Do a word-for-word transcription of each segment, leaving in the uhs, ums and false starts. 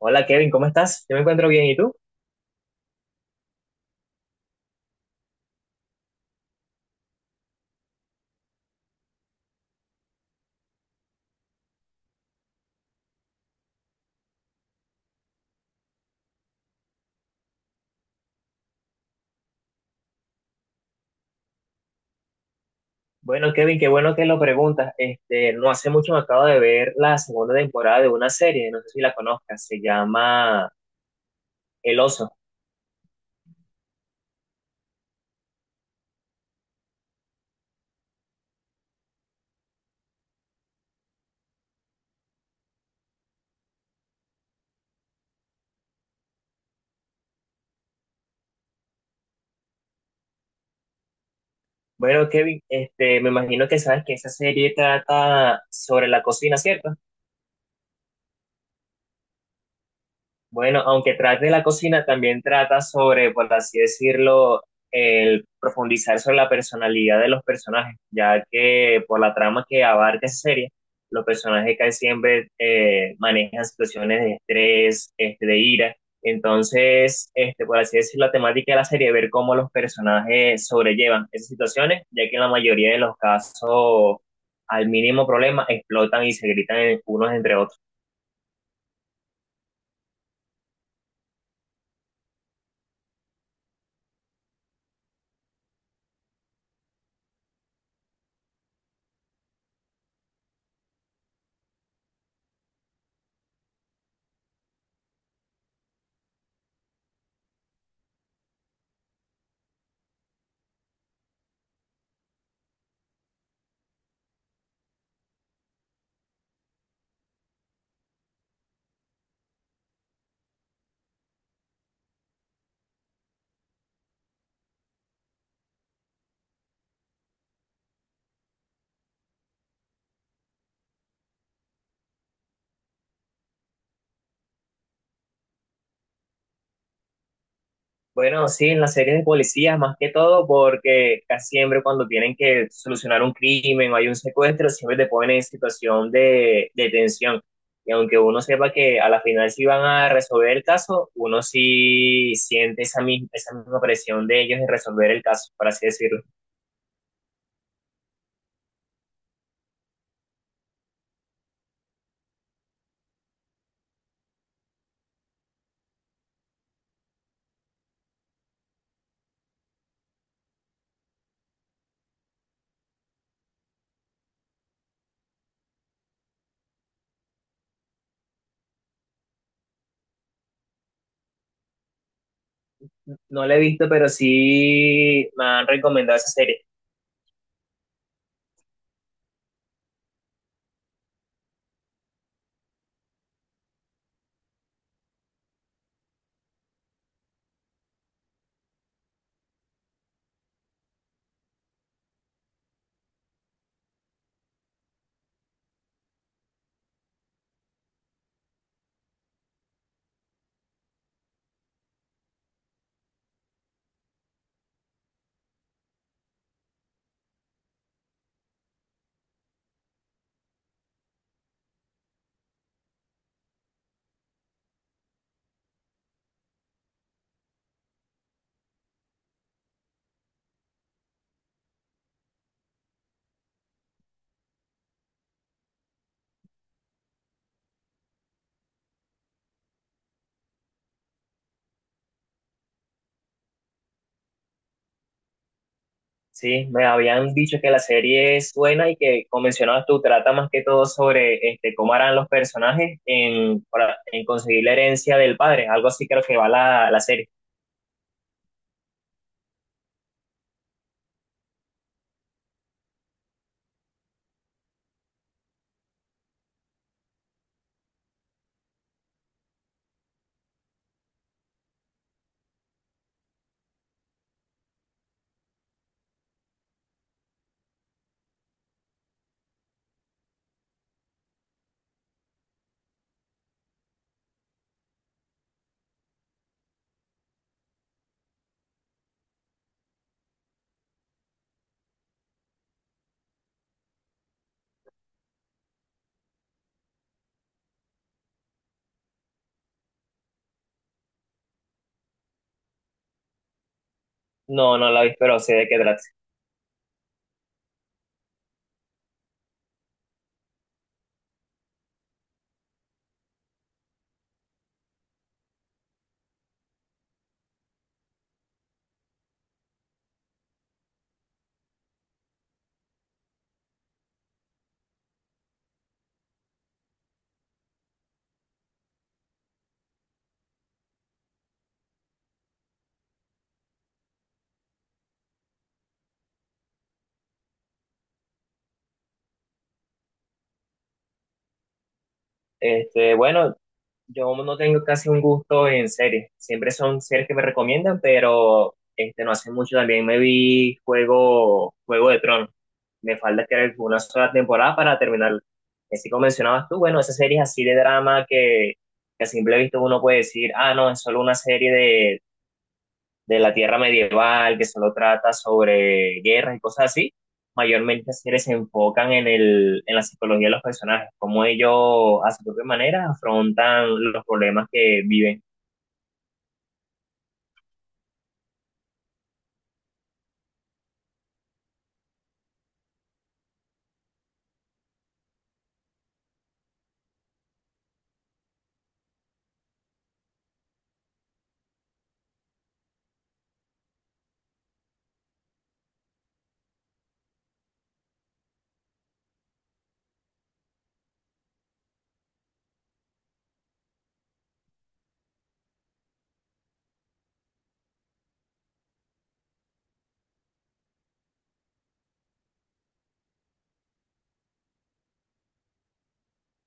Hola Kevin, ¿cómo estás? Yo me encuentro bien, ¿y tú? Bueno, Kevin, qué bueno que lo preguntas. Este, no hace mucho me acabo de ver la segunda temporada de una serie, no sé si la conozcas, se llama El Oso. Bueno, Kevin, este, me imagino que sabes que esa serie trata sobre la cocina, ¿cierto? Bueno, aunque trate la cocina, también trata sobre, por así decirlo, el profundizar sobre la personalidad de los personajes, ya que por la trama que abarca esa serie, los personajes casi siempre eh, manejan situaciones de estrés, este, de ira. Entonces, este, por así decirlo, la temática de la serie es ver cómo los personajes sobrellevan esas situaciones, ya que en la mayoría de los casos, al mínimo problema, explotan y se gritan en- unos entre otros. Bueno, sí, en las series de policías más que todo, porque casi siempre cuando tienen que solucionar un crimen o hay un secuestro, siempre te ponen en situación de, de tensión. Y aunque uno sepa que a la final sí van a resolver el caso, uno sí siente esa misma, esa misma presión de ellos en resolver el caso, por así decirlo. No la he visto, pero sí me han recomendado esa serie. Sí, me habían dicho que la serie es buena y que, como mencionabas tú, trata más que todo sobre este, cómo harán los personajes en, para- en conseguir la herencia del padre. Algo así creo que va la, la serie. No, no la vi, pero sé de qué trata. Este, bueno, Yo no tengo casi un gusto en series. Siempre son series que me recomiendan, pero este, no hace mucho también me vi Juego, Juego de Tronos. Me falta que una sola temporada para terminar. Así como mencionabas tú, bueno, esas series así de drama que, que a simple vista uno puede decir, ah, no, es solo una serie de, de la tierra medieval, que solo trata sobre guerras y cosas así, mayormente series se enfocan en el, en la psicología de los personajes, cómo ellos a su propia manera afrontan los problemas que viven.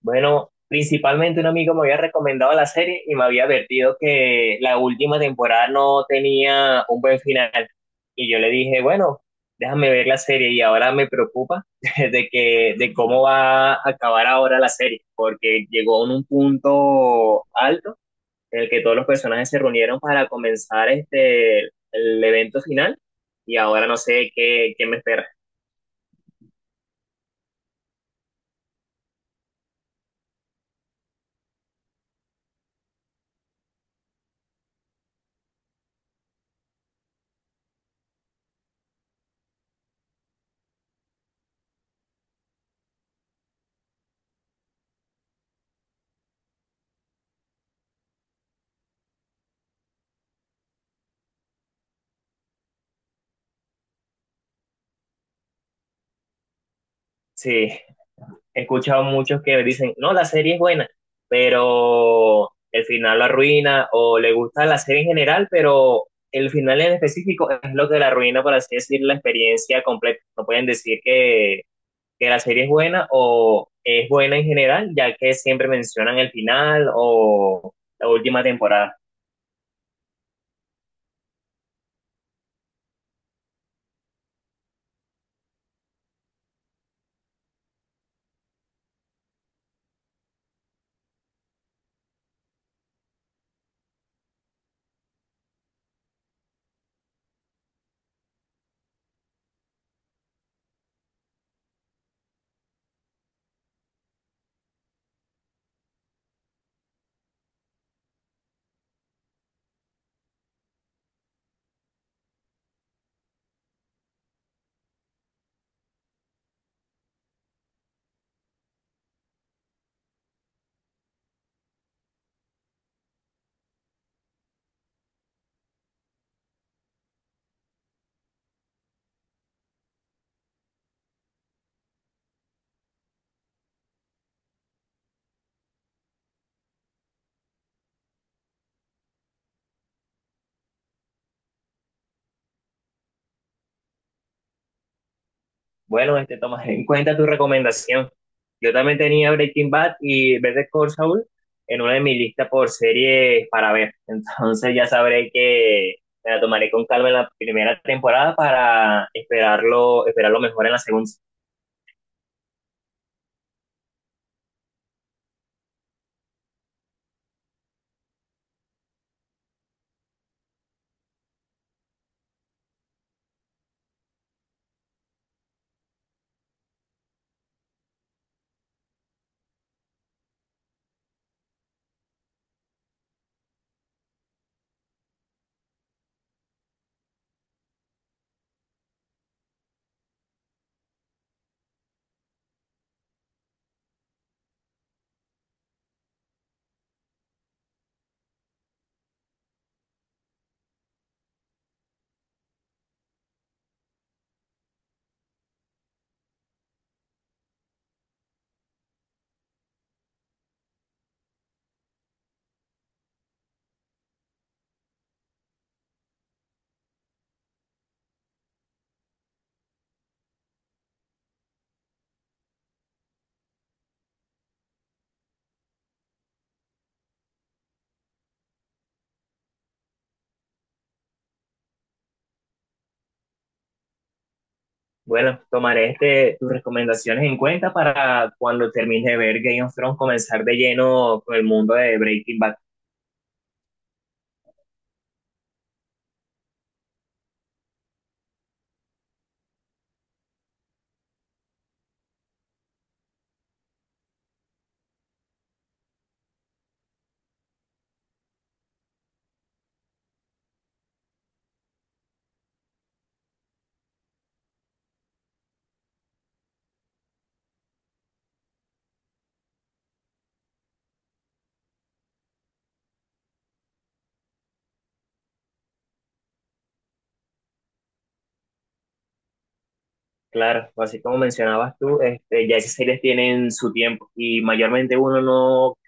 Bueno, principalmente un amigo me había recomendado la serie y me había advertido que la última temporada no tenía un buen final. Y yo le dije, bueno, déjame ver la serie y ahora me preocupa de que, de cómo va a acabar ahora la serie, porque llegó en un punto alto en el que todos los personajes se reunieron para comenzar este, el evento final y ahora no sé qué, qué me espera. Sí. He escuchado muchos que dicen, no, la serie es buena, pero el final la arruina, o le gusta la serie en general, pero el final en específico es lo que la arruina, por así decir, la experiencia completa. No pueden decir que, que la serie es buena o es buena en general, ya que siempre mencionan el final o la última temporada. Bueno, este, tomaré en cuenta tu recomendación. Yo también tenía Breaking Bad y Better Call Saul en una de mis listas por series para ver. Entonces ya sabré que me la tomaré con calma en la primera temporada para esperarlo, esperarlo mejor en la segunda. Bueno, tomaré este, tus recomendaciones en cuenta para cuando termine de ver Game of Thrones comenzar de lleno con el mundo de Breaking Bad. Claro, pues así como mencionabas tú, este, ya esas series tienen su tiempo y mayormente uno no,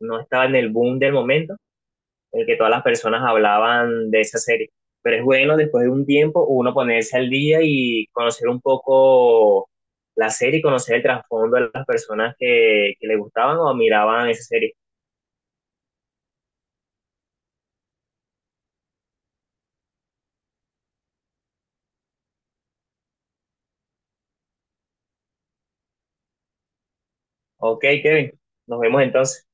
no estaba en el boom del momento en el que todas las personas hablaban de esa serie. Pero es bueno después de un tiempo uno ponerse al día y conocer un poco la serie y conocer el trasfondo de las personas que, que le gustaban o miraban esa serie. Ok, Kevin, nos vemos entonces.